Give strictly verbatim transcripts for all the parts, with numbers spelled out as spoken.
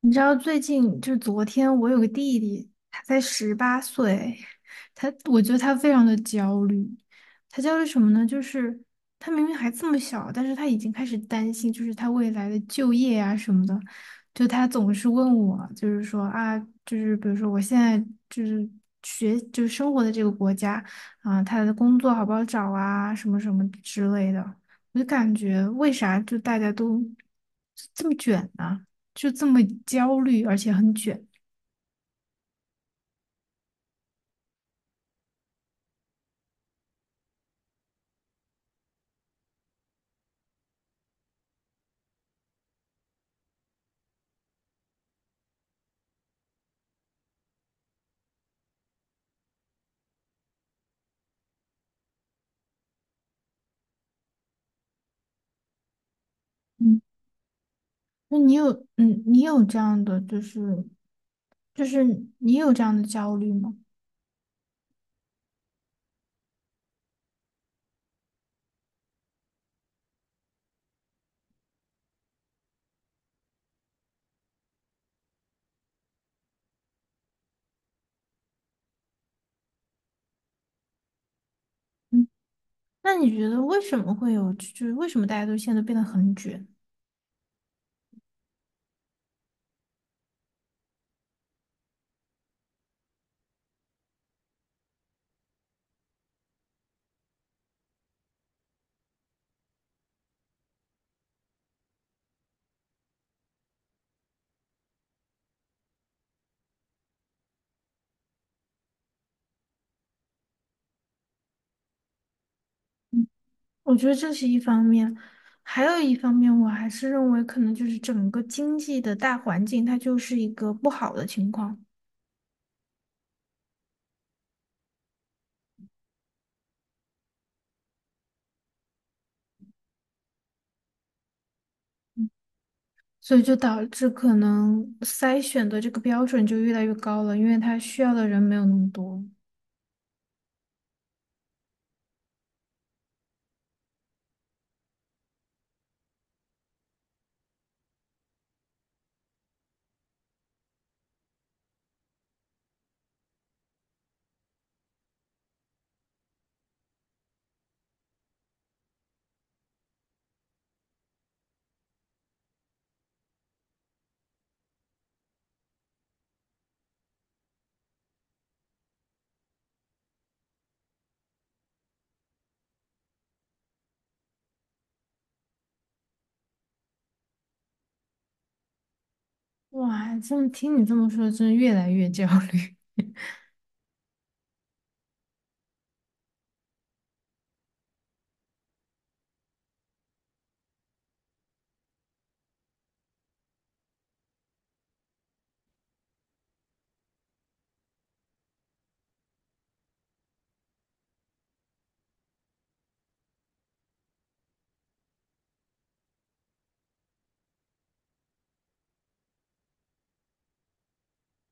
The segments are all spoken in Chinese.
你知道最近就是昨天，我有个弟弟，他才十八岁，他我觉得他非常的焦虑。他焦虑什么呢？就是他明明还这么小，但是他已经开始担心，就是他未来的就业啊什么的。就他总是问我，就是说啊，就是比如说我现在就是学就是生活的这个国家啊，他的工作好不好找啊，什么什么之类的。我就感觉为啥就大家都这么卷呢、就这么焦虑，而且很卷。嗯，那你有，嗯，你有这样的，就是，就是你有这样的焦虑吗？嗯那你觉得为什么会有，就是为什么大家都现在都变得很卷？我觉得这是一方面，还有一方面，我还是认为可能就是整个经济的大环境，它就是一个不好的情况。嗯所以就导致可能筛选的这个标准就越来越高了，因为它需要的人没有那么多。哇，这么听你这么说，真越来越焦虑。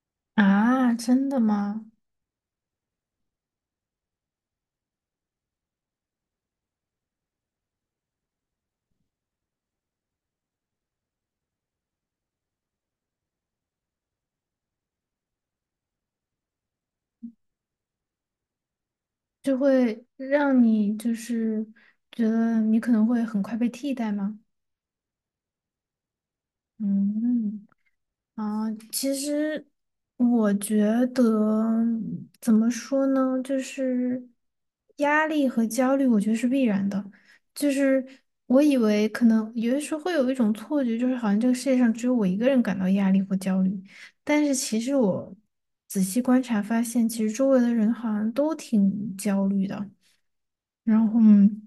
啊！真的吗？就会让你就是觉得你可能会很快被替代吗？嗯。啊，其实我觉得怎么说呢，就是压力和焦虑，我觉得是必然的。就是我以为可能有的时候会有一种错觉，就是好像这个世界上只有我一个人感到压力或焦虑，但是其实我仔细观察发现，其实周围的人好像都挺焦虑的。然后。嗯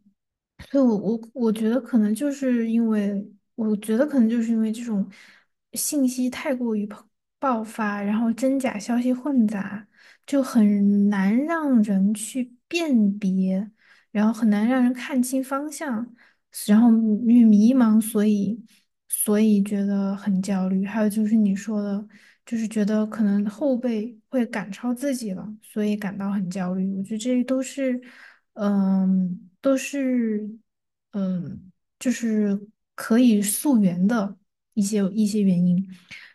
所以我我我觉得可能就是因为，我觉得可能就是因为这种信息太过于爆爆发，然后真假消息混杂，就很难让人去辨别，然后很难让人看清方向。然后因为迷茫，所以所以觉得很焦虑。还有就是你说的，就是觉得可能后辈会赶超自己了，所以感到很焦虑。我觉得这都是，嗯，都是，嗯，就是可以溯源的一些一些原因。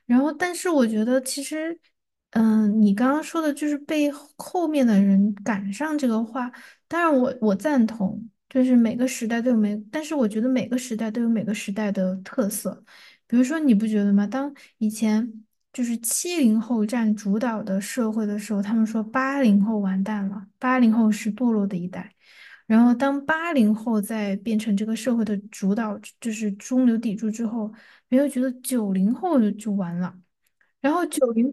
然后，但是我觉得其实。嗯，你刚刚说的就是被后面的人赶上这个话当然我，我赞同，就是每个时代都有每，但是我觉得每个时代都有每个时代的特色。比如说，你不觉得吗？当以前就是七零后占主导的社会的时候，他们说八零后完蛋了，八零后是堕落的一代。然后，当八零后在变成这个社会的主导，就是中流砥柱之后，没有觉得九零后就完了。然后九零。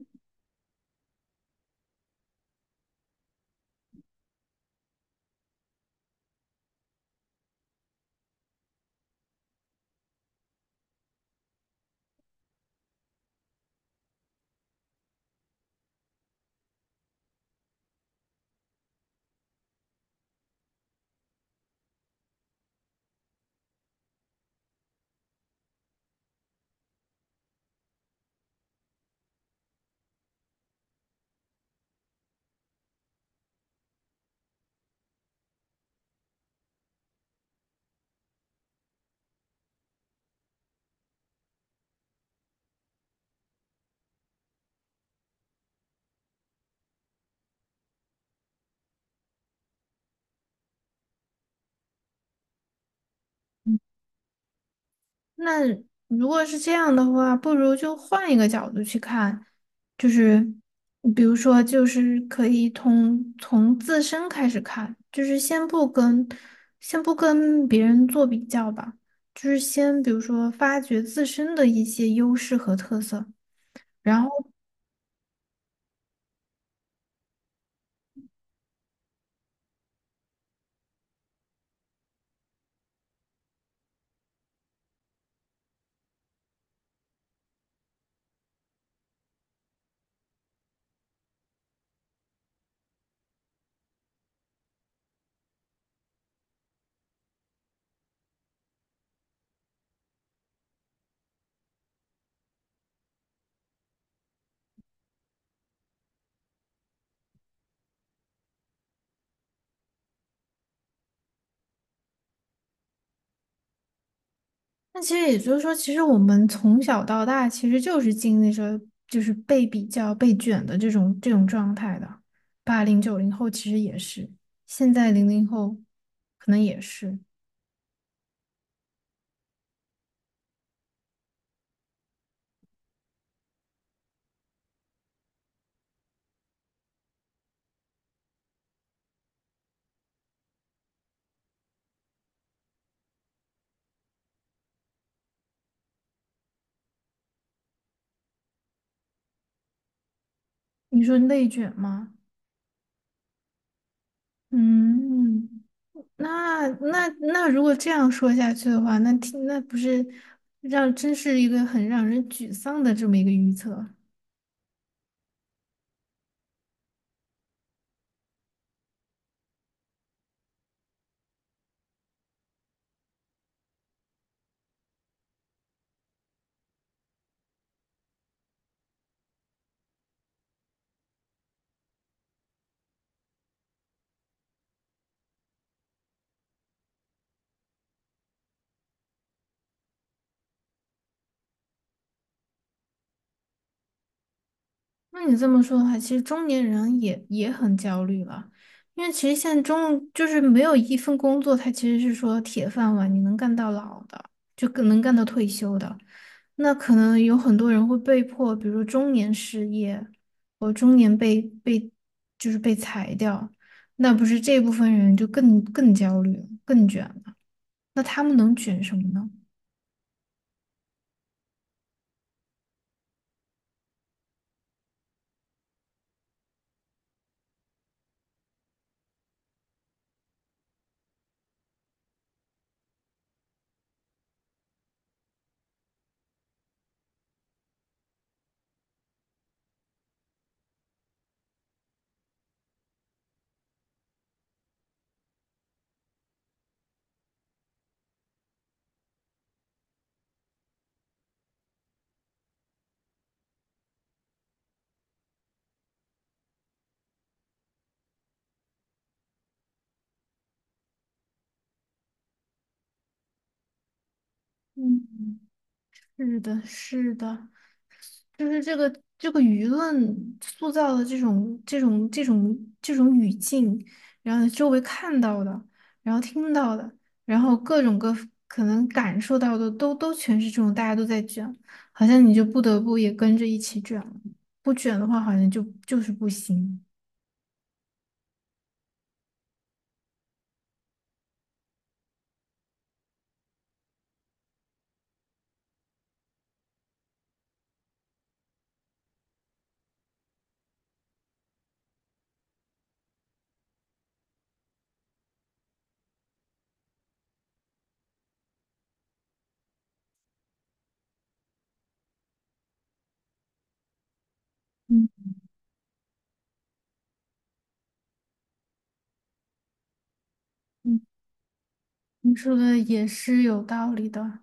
那如果是这样的话，不如就换一个角度去看，就是比如说，就是可以从从自身开始看，就是先不跟先不跟别人做比较吧，就是先比如说发掘自身的一些优势和特色，然后。那其实也就是说，其实我们从小到大其实就是经历着就是被比较、被卷的这种这种状态的。八零九零后其实也是，现在零零后可能也是。你说内卷吗？嗯，那那那如果这样说下去的话，那听那不是让真是一个很让人沮丧的这么一个预测。那你这么说的话，其实中年人也也很焦虑了，因为其实现在中就是没有一份工作，他其实是说铁饭碗，你能干到老的，就更能干到退休的。那可能有很多人会被迫，比如说中年失业，或中年被被就是被裁掉，那不是这部分人就更更焦虑，更卷了。那他们能卷什么呢？嗯。是的，是的，就是这个这个舆论塑造的这种这种这种这种语境，然后周围看到的，然后听到的，然后各种各可能感受到的都都全是这种，大家都在卷，好像你就不得不也跟着一起卷了。不卷的话好像就就是不行。嗯嗯。你说的也是有道理的。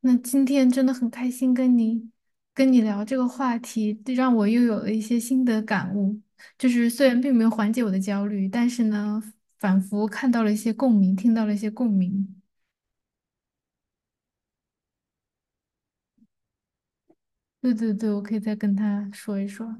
那今天真的很开心跟你跟你聊这个话题，这让我又有了一些新的感悟。就是虽然并没有缓解我的焦虑，但是呢，仿佛看到了一些共鸣，听到了一些共鸣。对对对，我可以再跟他说一说。